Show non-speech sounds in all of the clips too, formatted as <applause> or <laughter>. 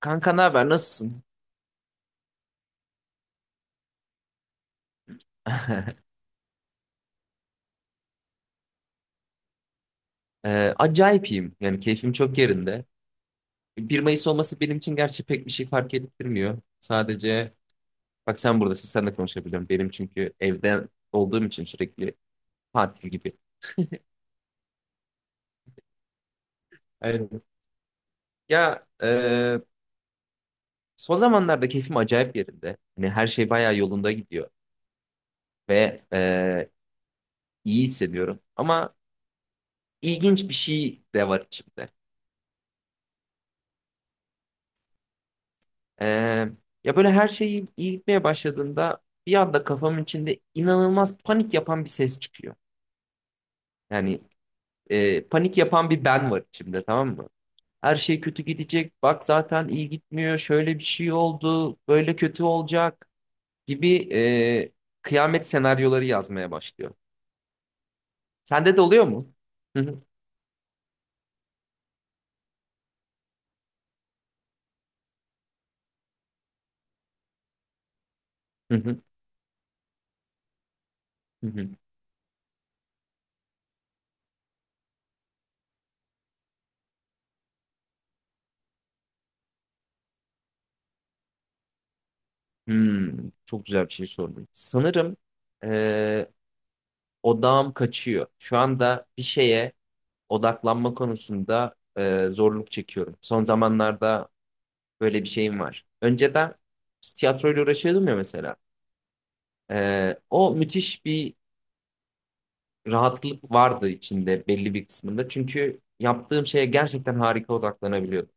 Kanka ne haber? Nasılsın? <laughs> Acayip iyiyim. Yani keyfim çok yerinde. Bir Mayıs olması benim için gerçi pek bir şey fark ettirmiyor. Sadece bak, sen buradasın, sen de konuşabiliyorum. Benim çünkü evden olduğum için sürekli tatil gibi. Evet. Ya son zamanlarda keyfim acayip yerinde. Hani her şey bayağı yolunda gidiyor ve iyi hissediyorum. Ama ilginç bir şey de var içimde. Ee, Ya böyle her şey iyi iyi gitmeye başladığında bir anda kafamın içinde inanılmaz panik yapan bir ses çıkıyor. Yani panik yapan bir ben var içimde, tamam mı? Her şey kötü gidecek. Bak, zaten iyi gitmiyor. Şöyle bir şey oldu. Böyle kötü olacak gibi kıyamet senaryoları yazmaya başlıyor. Sende de oluyor mu? Hı hı, hı hı, hı hı. Hmm, çok güzel bir şey sordun. Sanırım e, odağım kaçıyor. Şu anda bir şeye odaklanma konusunda zorluk çekiyorum. Son zamanlarda böyle bir şeyim var. Önceden tiyatroyla uğraşıyordum ya, mesela. O müthiş bir rahatlık vardı, içinde belli bir kısmında. Çünkü yaptığım şeye gerçekten harika odaklanabiliyordum.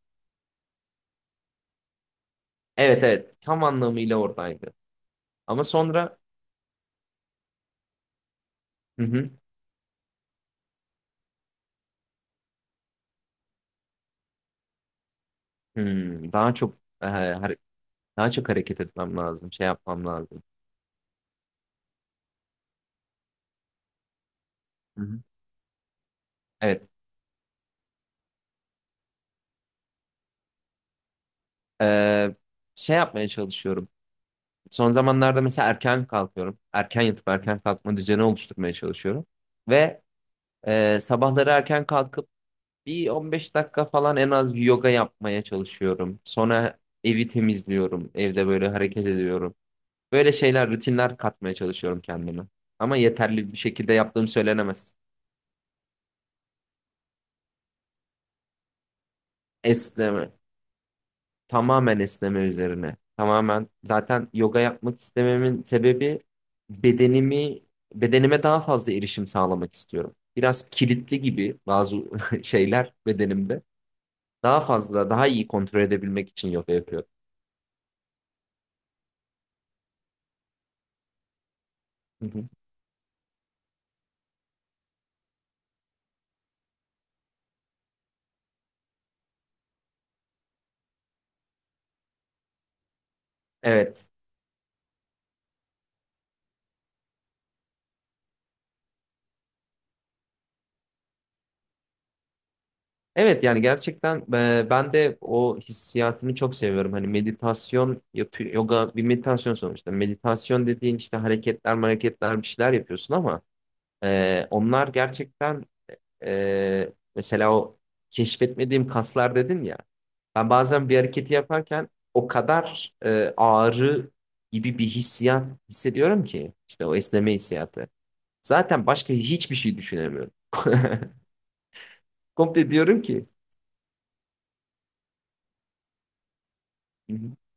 Evet, evet, tam anlamıyla oradaydı. Ama sonra, hı hı, daha çok e, hare- daha çok hareket etmem lazım, şey yapmam lazım. Hı hı. Evet. Ee, Şey yapmaya çalışıyorum. Son zamanlarda mesela erken kalkıyorum. Erken yatıp erken kalkma düzeni oluşturmaya çalışıyorum. Ve sabahları erken kalkıp bir 15 dakika falan en az bir yoga yapmaya çalışıyorum. Sonra evi temizliyorum. Evde böyle hareket ediyorum. Böyle şeyler, rutinler katmaya çalışıyorum kendime. Ama yeterli bir şekilde yaptığım söylenemez. Esneme. Tamamen esneme üzerine. Tamamen zaten yoga yapmak istememin sebebi, bedenimi bedenime daha fazla erişim sağlamak istiyorum. Biraz kilitli gibi bazı <laughs> şeyler bedenimde. Daha fazla, daha iyi kontrol edebilmek için yoga yapıyorum. Hı hı. Evet. Evet, yani gerçekten ben de o hissiyatını çok seviyorum. Hani meditasyon yapıyor, yoga bir meditasyon sonuçta. Meditasyon dediğin işte hareketler, hareketler bir şeyler yapıyorsun ama onlar gerçekten. Mesela o keşfetmediğim kaslar dedin ya. Ben bazen bir hareketi yaparken o kadar ağrı gibi bir hissiyat hissediyorum ki, işte o esneme hissiyatı. Zaten başka hiçbir şey düşünemiyorum. <laughs> Komple diyorum ki <laughs>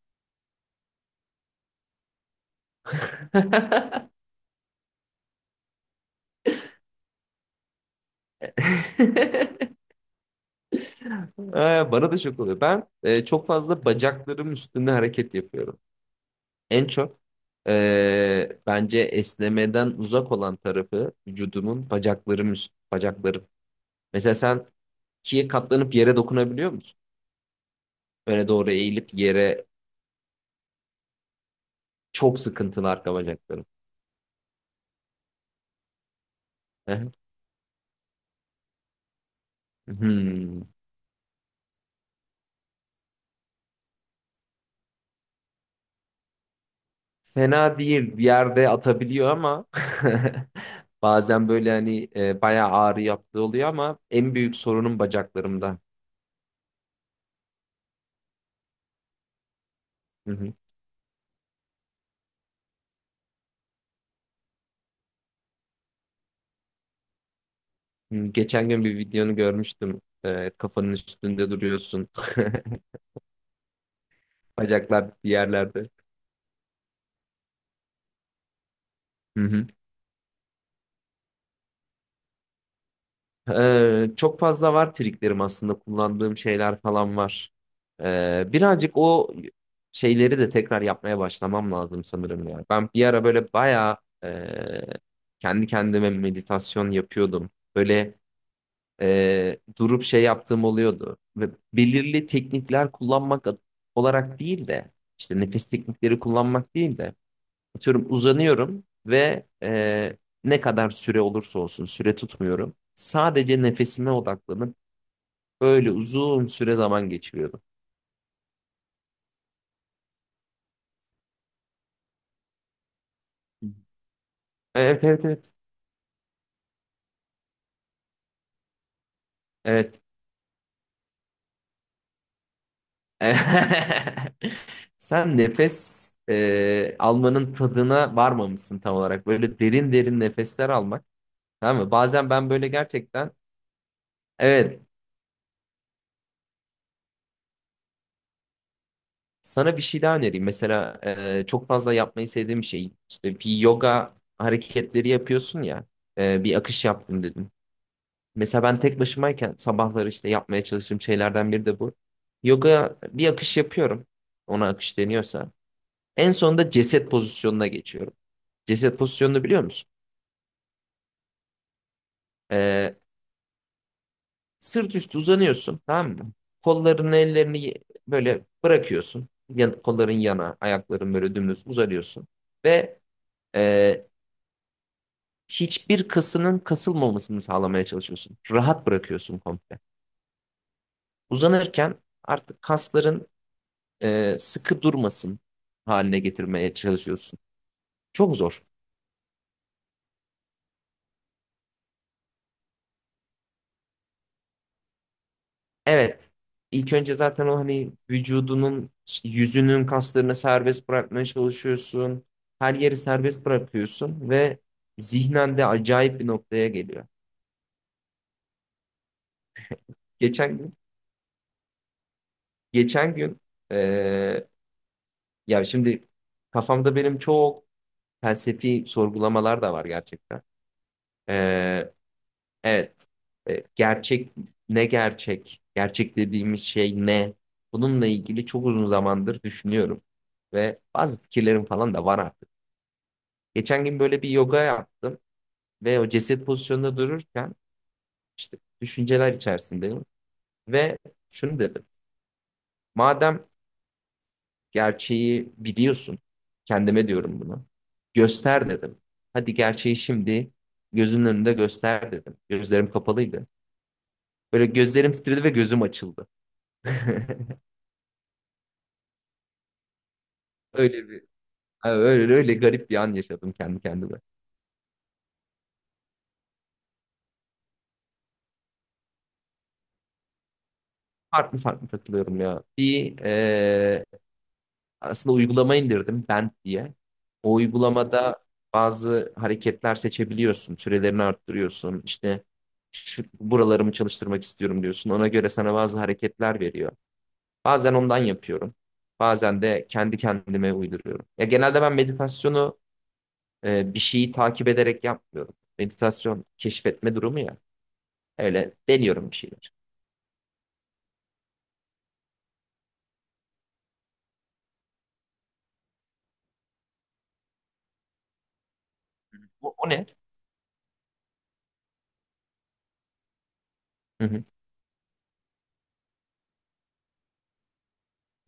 <laughs> Bana da şok oluyor. Ben çok fazla bacaklarım üstünde hareket yapıyorum. En çok bence esnemeden uzak olan tarafı vücudumun, bacaklarım. Mesela sen ikiye katlanıp yere dokunabiliyor musun? Böyle doğru eğilip yere, çok sıkıntılı arka bacaklarım. Hı hı. Hmm. Fena değil, bir yerde atabiliyor ama <laughs> bazen böyle hani bayağı ağrı yaptığı oluyor ama en büyük sorunum bacaklarımda. Hı hı. Hmm, geçen gün bir videonu görmüştüm. Kafanın üstünde duruyorsun. <laughs> Bacaklar bir yerlerde. Hı hı. Çok fazla var triklerim aslında, kullandığım şeyler falan var. Birazcık o şeyleri de tekrar yapmaya başlamam lazım sanırım ya. Ben bir ara böyle bayağı e, kendi kendime meditasyon yapıyordum. Böyle durup şey yaptığım oluyordu. Ve belirli teknikler kullanmak olarak değil de, işte nefes teknikleri kullanmak değil de, atıyorum, uzanıyorum ve ne kadar süre olursa olsun süre tutmuyorum. Sadece nefesime odaklanıp böyle uzun süre zaman geçiriyordum. Evet, evet, evet. Evet. <laughs> Sen nefes almanın tadına varmamışsın tam olarak. Böyle derin derin nefesler almak. Tamam mı? Bazen ben böyle gerçekten, evet, sana bir şey daha önereyim. Mesela çok fazla yapmayı sevdiğim şey, işte bir yoga hareketleri yapıyorsun ya, bir akış yaptım dedim. Mesela ben tek başımayken sabahları işte yapmaya çalıştığım şeylerden biri de bu. Yoga bir akış yapıyorum. Ona akış deniyorsa. En sonunda ceset pozisyonuna geçiyorum. Ceset pozisyonunu biliyor musun? Ee, Sırt üstü uzanıyorsun, tamam mı? Kollarını, ellerini böyle bırakıyorsun. Kolların yana, ayakların böyle dümdüz uzanıyorsun. Ve e, hiçbir kasının kasılmamasını sağlamaya çalışıyorsun. Rahat bırakıyorsun komple. Uzanırken artık kasların sıkı durmasın haline getirmeye çalışıyorsun. Çok zor. Evet. İlk önce zaten o hani vücudunun, işte yüzünün kaslarını serbest bırakmaya çalışıyorsun. Her yeri serbest bırakıyorsun ve zihnen de acayip bir noktaya geliyor. Geçen gün, geçen gün e, Ya şimdi kafamda benim çok felsefi sorgulamalar da var gerçekten. E, Evet. Gerçek ne gerçek? Gerçek dediğimiz şey ne? Bununla ilgili çok uzun zamandır düşünüyorum. Ve bazı fikirlerim falan da var artık. Geçen gün böyle bir yoga yaptım ve o ceset pozisyonunda dururken işte düşünceler içerisindeyim. Ve şunu dedim. Madem gerçeği biliyorsun, kendime diyorum bunu, göster dedim. Hadi gerçeği şimdi gözünün önünde göster dedim. Gözlerim kapalıydı. Böyle gözlerim titredi ve gözüm açıldı. <laughs> Öyle bir, ha, öyle öyle garip bir an yaşadım kendi kendime. Farklı farklı takılıyorum ya. Bir aslında uygulama indirdim, Bent diye. O uygulamada bazı hareketler seçebiliyorsun. Sürelerini arttırıyorsun. İşte şu, buralarımı çalıştırmak istiyorum diyorsun. Ona göre sana bazı hareketler veriyor. Bazen ondan yapıyorum. Bazen de kendi kendime uyduruyorum. Ya genelde ben meditasyonu bir şeyi takip ederek yapmıyorum. Meditasyon keşfetme durumu ya. Öyle deniyorum bir şey. O, o ne? Hı hı.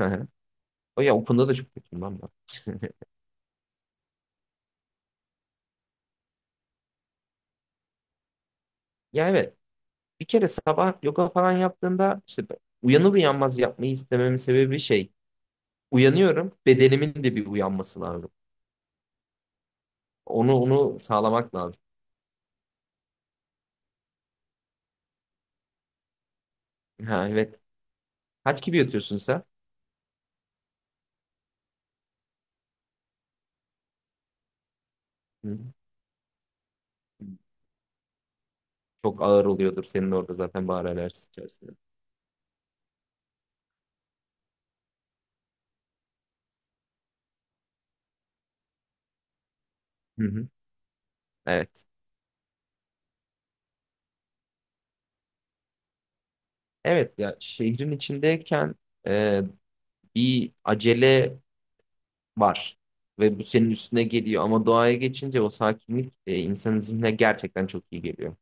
Hı hı. O ya, Open'da da çok kötüyüm ben. <laughs> Ya evet. Bir kere sabah yoga falan yaptığında, işte uyanır uyanmaz yapmayı istememin sebebi şey. Uyanıyorum. Bedenimin de bir uyanması lazım. Onu sağlamak lazım. Ha, evet. Kaç gibi yatıyorsun sen? Hı. Çok ağır oluyordur senin orada zaten bahar alerjisi içerisinde. Hı hı. Evet. Evet ya, şehrin içindeyken e, bir acele var. Ve bu senin üstüne geliyor ama doğaya geçince o sakinlik, insanın zihnine gerçekten çok iyi geliyor.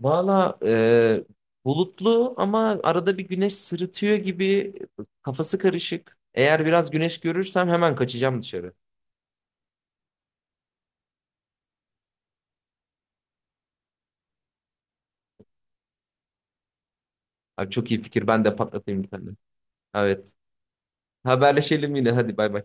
Valla bulutlu ama arada bir güneş sırıtıyor gibi, kafası karışık. Eğer biraz güneş görürsem hemen kaçacağım dışarı. Abi, çok iyi fikir, ben de patlatayım bir tane. Evet, haberleşelim yine, hadi, bay bay.